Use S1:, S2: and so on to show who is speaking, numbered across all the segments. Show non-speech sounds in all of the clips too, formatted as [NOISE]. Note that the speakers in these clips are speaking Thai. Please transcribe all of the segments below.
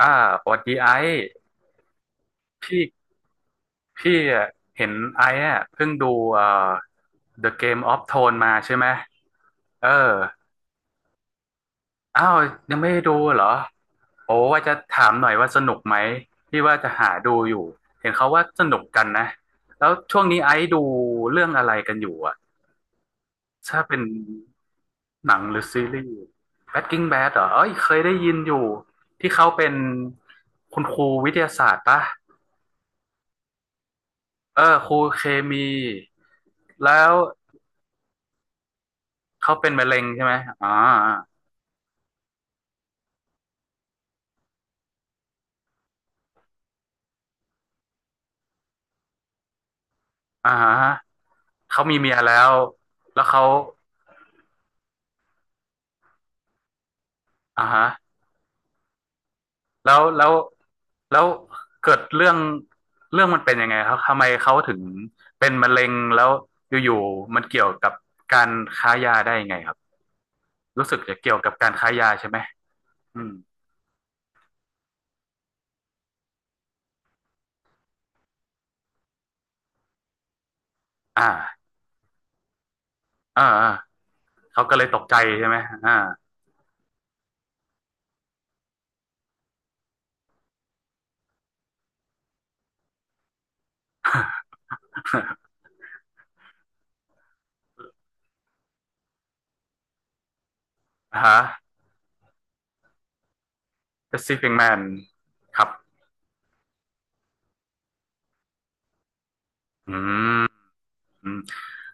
S1: อ่าสวัสดีไอซ์พี่พี่อะเห็นไอซ์อะเพิ่งดูเอ่อ The Game of Thrones มาใช่ไหมเอออ้าวยังไม่ได้ดูเหรอโอ้ว่าจะถามหน่อยว่าสนุกไหมพี่ว่าจะหาดูอยู่เห็นเขาว่าสนุกกันนะแล้วช่วงนี้ไอซ์ดูเรื่องอะไรกันอยู่อะถ้าเป็นหนังหรือซีรีส์ Breaking Bad เหรอเอ้ยเคยได้ยินอยู่ที่เขาเป็นคุณครูวิทยาศาสตร์ปะ เออครูเคมีแล้วเขาเป็นมะเร็งใช่ไหมอ๋ออ่าฮะเขามีเมียแล้วแล้วเขาอ่าฮะแล้วแล้วเกิดเรื่องเรื่องมันเป็นยังไงครับทำไมเขาถึงเป็นมะเร็งแล้วอยู่ๆมันเกี่ยวกับการค้ายาได้ยังไงครับรู้สึกจะเกี่ยวกับการค้ายาใช่ไหมอืมอ่าอ่าเขาก็เลยตกใจใช่ไหมอ่า [LAUGHS] อฮะ The Sleeping Man ครับอืม อืม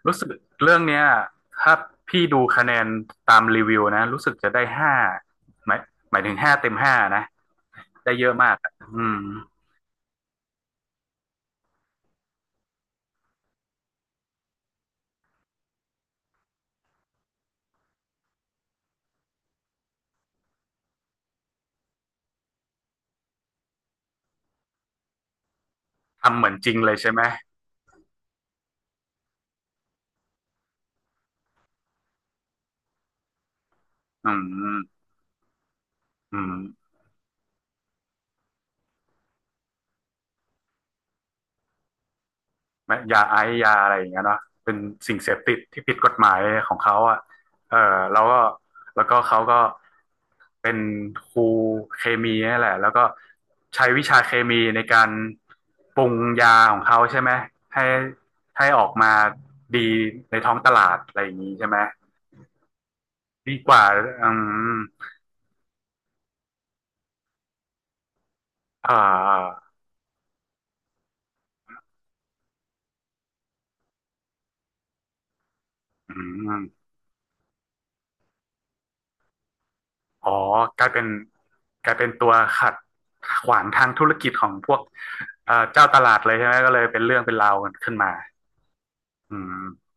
S1: รู้สึกเรื่องเนี้ยถ้าพี่ดูคะแนนตามรีวิวนะรู้สึกจะได้ห้าหมายหมายถึง5 เต็ม 5นะได้เยอะมากอะอืมทำเหมือนจริงเลยใช่ไหมอืมอืม ไม่ยาไอซ์ยาอะไรอย่างเงี้ยเนาะเป็นสิ่งเสพติดที่ผิดกฎหมายของเขาอ่ะเออแล้วก็แล้วก็เขาก็เป็นครูเคมีนี่แหละแล้วก็ใช้วิชาเคมีในการปรุงยาของเขาใช่ไหมให้ให้ออกมาดีในท้องตลาดอะไรอย่างนี้ใช่ไหมดีกว่าอืมอ่าอืม อ๋อกลายเป็นกลายเป็นตัวขัดขวางทางธุรกิจของพวกเจ้าตลาดเลยใช่ไหมก็เลยเป็นเรื่องเป็นราวกันขึ้นมาอืม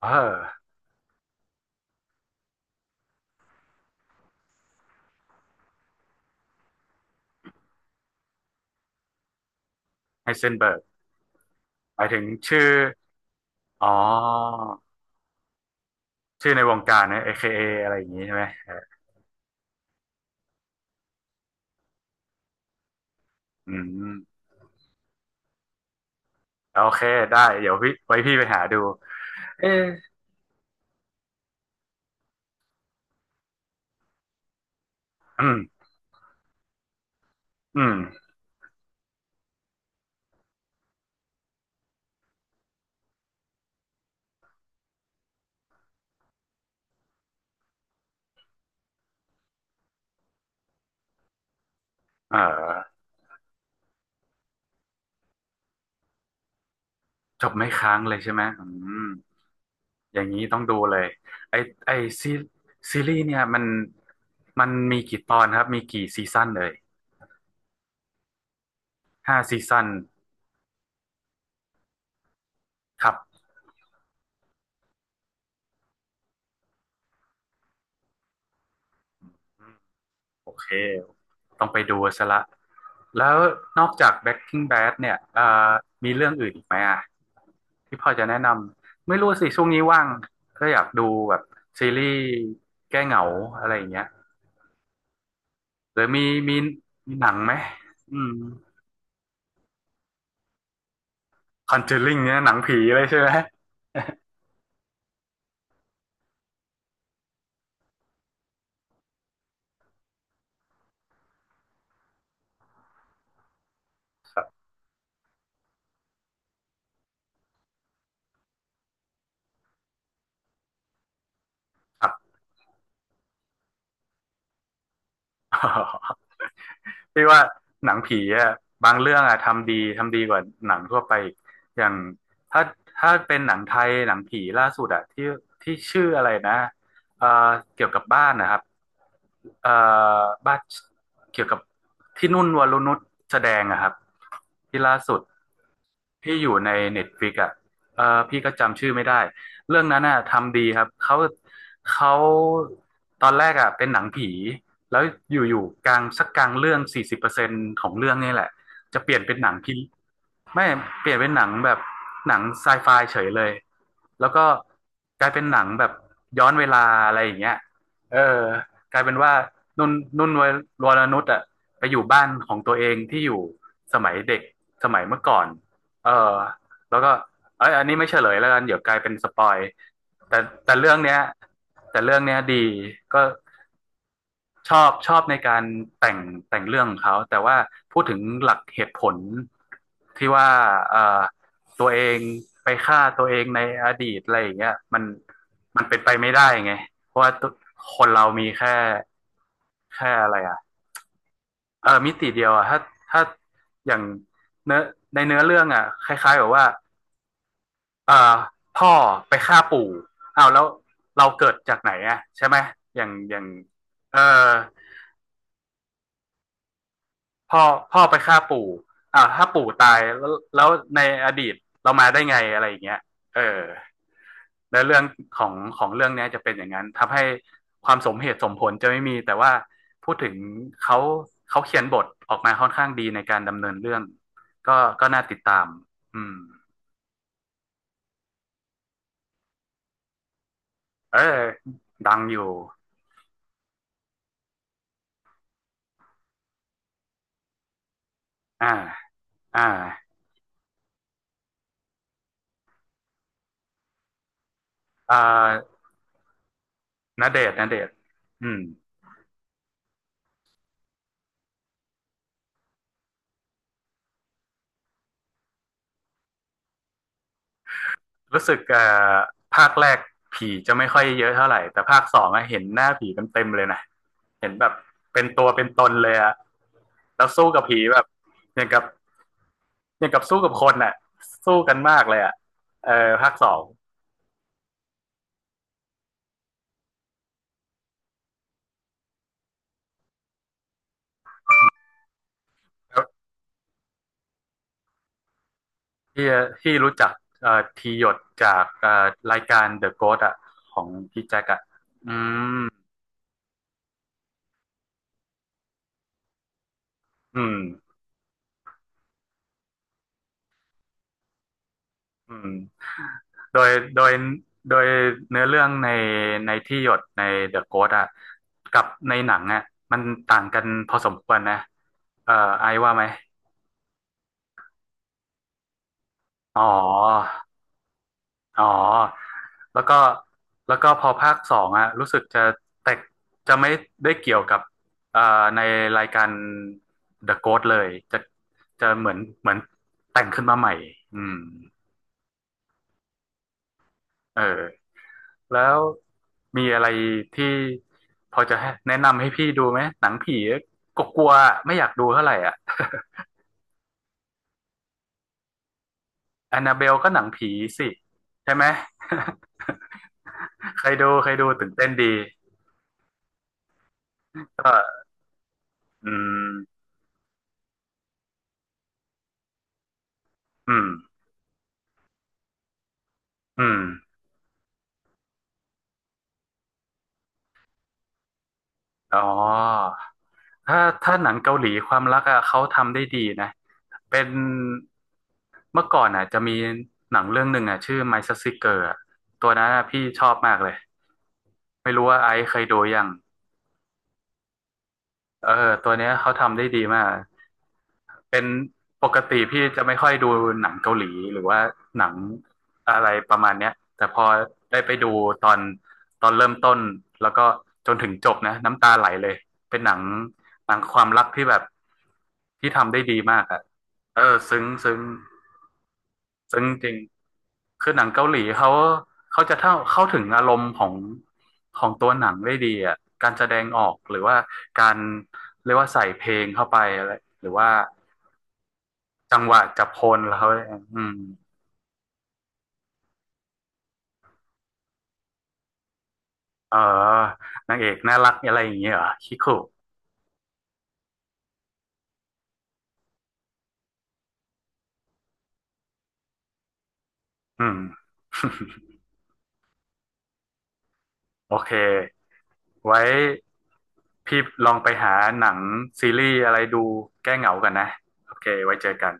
S1: เออไฮเซนเบิร์กหมายถึงชื่ออ๋อชื่อในวงการนะ AKA อเคเออะไรอย่างนี้ใช่ไหมเอออืมโอเคได้เดี๋ยวพี่ไว้พี่ไปหาดูเอออืมอืมเออจบไม่ค้างเลยใช่ไหมอืม อย่างนี้ต้องดูเลยไอไอซีซีรีส์เนี่ยมันมีกี่ตอนครับมีกี่ซีซั่นเลย5 ซีซั่นครับโอเคต้องไปดูซะละแล้วนอกจาก Breaking Bad เนี่ยมีเรื่องอื่นอีกไหมอ่ะที่พอจะแนะนำไม่รู้สิช่วงนี้ว่างก็อยากดูแบบซีรีส์แก้เหงาอะไรอย่างเงี้ยหรือมีมีมีหนังไหมอืม Conjuring เนี่ยหนังผีเลยใช่ไหมครับครับ พี่ว่าหนังผีอะบางเรื่องอะทำดีทำดีกว่าหนังทั่วไปอีกอย่างถ้าถ้าเป็นหนังไทยหนังผีล่าสุดอะที่ที่ชื่ออะไรนะเอ่อเกี่ยวกับบ้านนะครับเอ่อบ้านเกี่ยวกับที่นุ่นวรนุชแสดงอะครับที่ล่าสุด ที่อยู่ในเน็ตฟลิกอ่ะเออพี่ก็จำชื่อไม่ได้เรื่องนั้นอ่ะทำดีครับเขาตอนแรกอ่ะเป็นหนังผีแล้วอยู่ๆกลางสักกลางเรื่อง40%ของเรื่องนี่แหละจะเปลี่ยนเป็นหนังที่ไม่เปลี่ยนเป็นหนังแบบหนังไซไฟเฉยเลยแล้วก็กลายเป็นหนังแบบย้อนเวลาอะไรอย่างเงี้ยเออกลายเป็นว่านุ่นนุ่นวรนุชอ่ะไปอยู่บ้านของตัวเองที่อยู่สมัยเด็กสมัยเมื่อก่อน เออแล้วก็เอ้ยอันนี้ไม่เฉลยแล้วกันเดี๋ยวกลายเป็นสปอยแต่แต่เรื่องเนี้ยแต่เรื่องเนี้ยดีก็ชอบชอบในการแต่งแต่งเรื่องของเขาแต่ว่าพูดถึงหลักเหตุผลที่ว่าเออตัวเองไปฆ่าตัวเองในอดีตอะไรอย่างเงี้ยมันมันเป็นไปไม่ได้ไงเพราะว่าตัวคนเรามีแค่แค่อะไรอ่ะเออมิติเดียวอ่ะถ้าถ้าอย่างเนื้อในเนื้อเรื่องอ่ะคล้ายๆแบบว่า เอ่อพ่อไปฆ่าปู่เอาวแล้วเราเกิดจากไหนอะใช่ไหมอย่างอย่างเออพ่อพ่อไปฆ่าปู่อ้าวถ้าปู่ตายแล้วแล้วในอดีตเรามาได้ไงอะไรอย่างเงี้ยเออในเรื่องของของเรื่องนี้จะเป็นอย่างนั้นทำให้ความสมเหตุสมผลจะไม่มีแต่ว่าพูดถึงเขาเขาเขียนบทออกมาค่อนข้างดีในการดำเนินเรื่องก็ก็น่าติดตามอืมเออดังอยู่อ่าอ่าอ่า ณเดชน์ณเดชน์อืมรู้สึกอภาคแรกผีจะไม่ค่อยเยอะเท่าไหร่ แต่ภาคสองอะเห็นหน้าผีเต็มเต็มเลยนะเห็นแบบเป็นตัวเป็นตนเลยอะแล้วสู้กับผีแบบอย่างกับอย่างกับสู้กับคนอะสู้กันมากเลยอะเออภาคสองแล้วที่ที่รู้จักทีหยดจากรายการ The Ghost อะของพี่แจ็คอะอืมอืมอืม โดยโดยโดยเนื้อเรื่องในในที่หยดในเดอะโก s t อ่ะกับในหนังอ่ะมันต่างกันพอสมควรนะเอ่อไอซ์ว่าไหมอ๋ออ๋อแล้วก็แล้วก็พอภาคสองอ่ะรู้สึกจะแตกจะไม่ได้เกี่ยวกับเอ่อในรายการ The Ghost เลยจะจะเหมือนเหมือนแต่งขึ้นมาใหม่อืมเออ แล้วมีอะไรที่พอจะให้แนะนำให้พี่ดูไหมหนังผีก็กลัวๆไม่อยากดูเท่าไหร่อ่ะแอนนาเบลก็หนังผีสิใช่ไหม [LAUGHS] ใครดูใครดูตื่นเต้นดีก็อืมอืมอืมอ๋อถ้าถ้าหนังเกาหลีความรักอะเขาทำได้ดีนะเป็นเมื่อก่อนอะจะมีหนังเรื่องหนึ่งอะชื่อ My Sexy Girl อะตัวนั้นอะพี่ชอบมากเลยไม่รู้ว่าไอซ์เคยดูยัง เออตัวเนี้ยเขาทำได้ดีมาก เป็นปกติพี่จะไม่ค่อยดูหนังเกาหลีหรือว่าหนังอะไรประมาณเนี้ยแต่พอได้ไปดูตอนตอนเริ่มต้นแล้วก็จนถึงจบนะน้ำตาไหลเลย เป็นหนังหนังความรักที่แบบที่ทำได้ดีมากอะเออซึ้งซึ้งซึ้งจริง คือหนังเกาหลีเขาเขาจะเข้าเข้าถึงอารมณ์ของของตัวหนังได้ดีอ่ะการแสดงออกหรือว่าการเรียกว่าใส่เพลงเข้าไปอะไรหรือว่าจังหวะจับโพลเขาอืมเออนางเอกน่ารักอะไรอย่างเงี้ยเหรอคิคุอืม [LAUGHS] โอเคไว้พี่ลองไปหาหนังซีรีส์อะไรดูแก้เหงากันนะโอเคไว้เจอกัน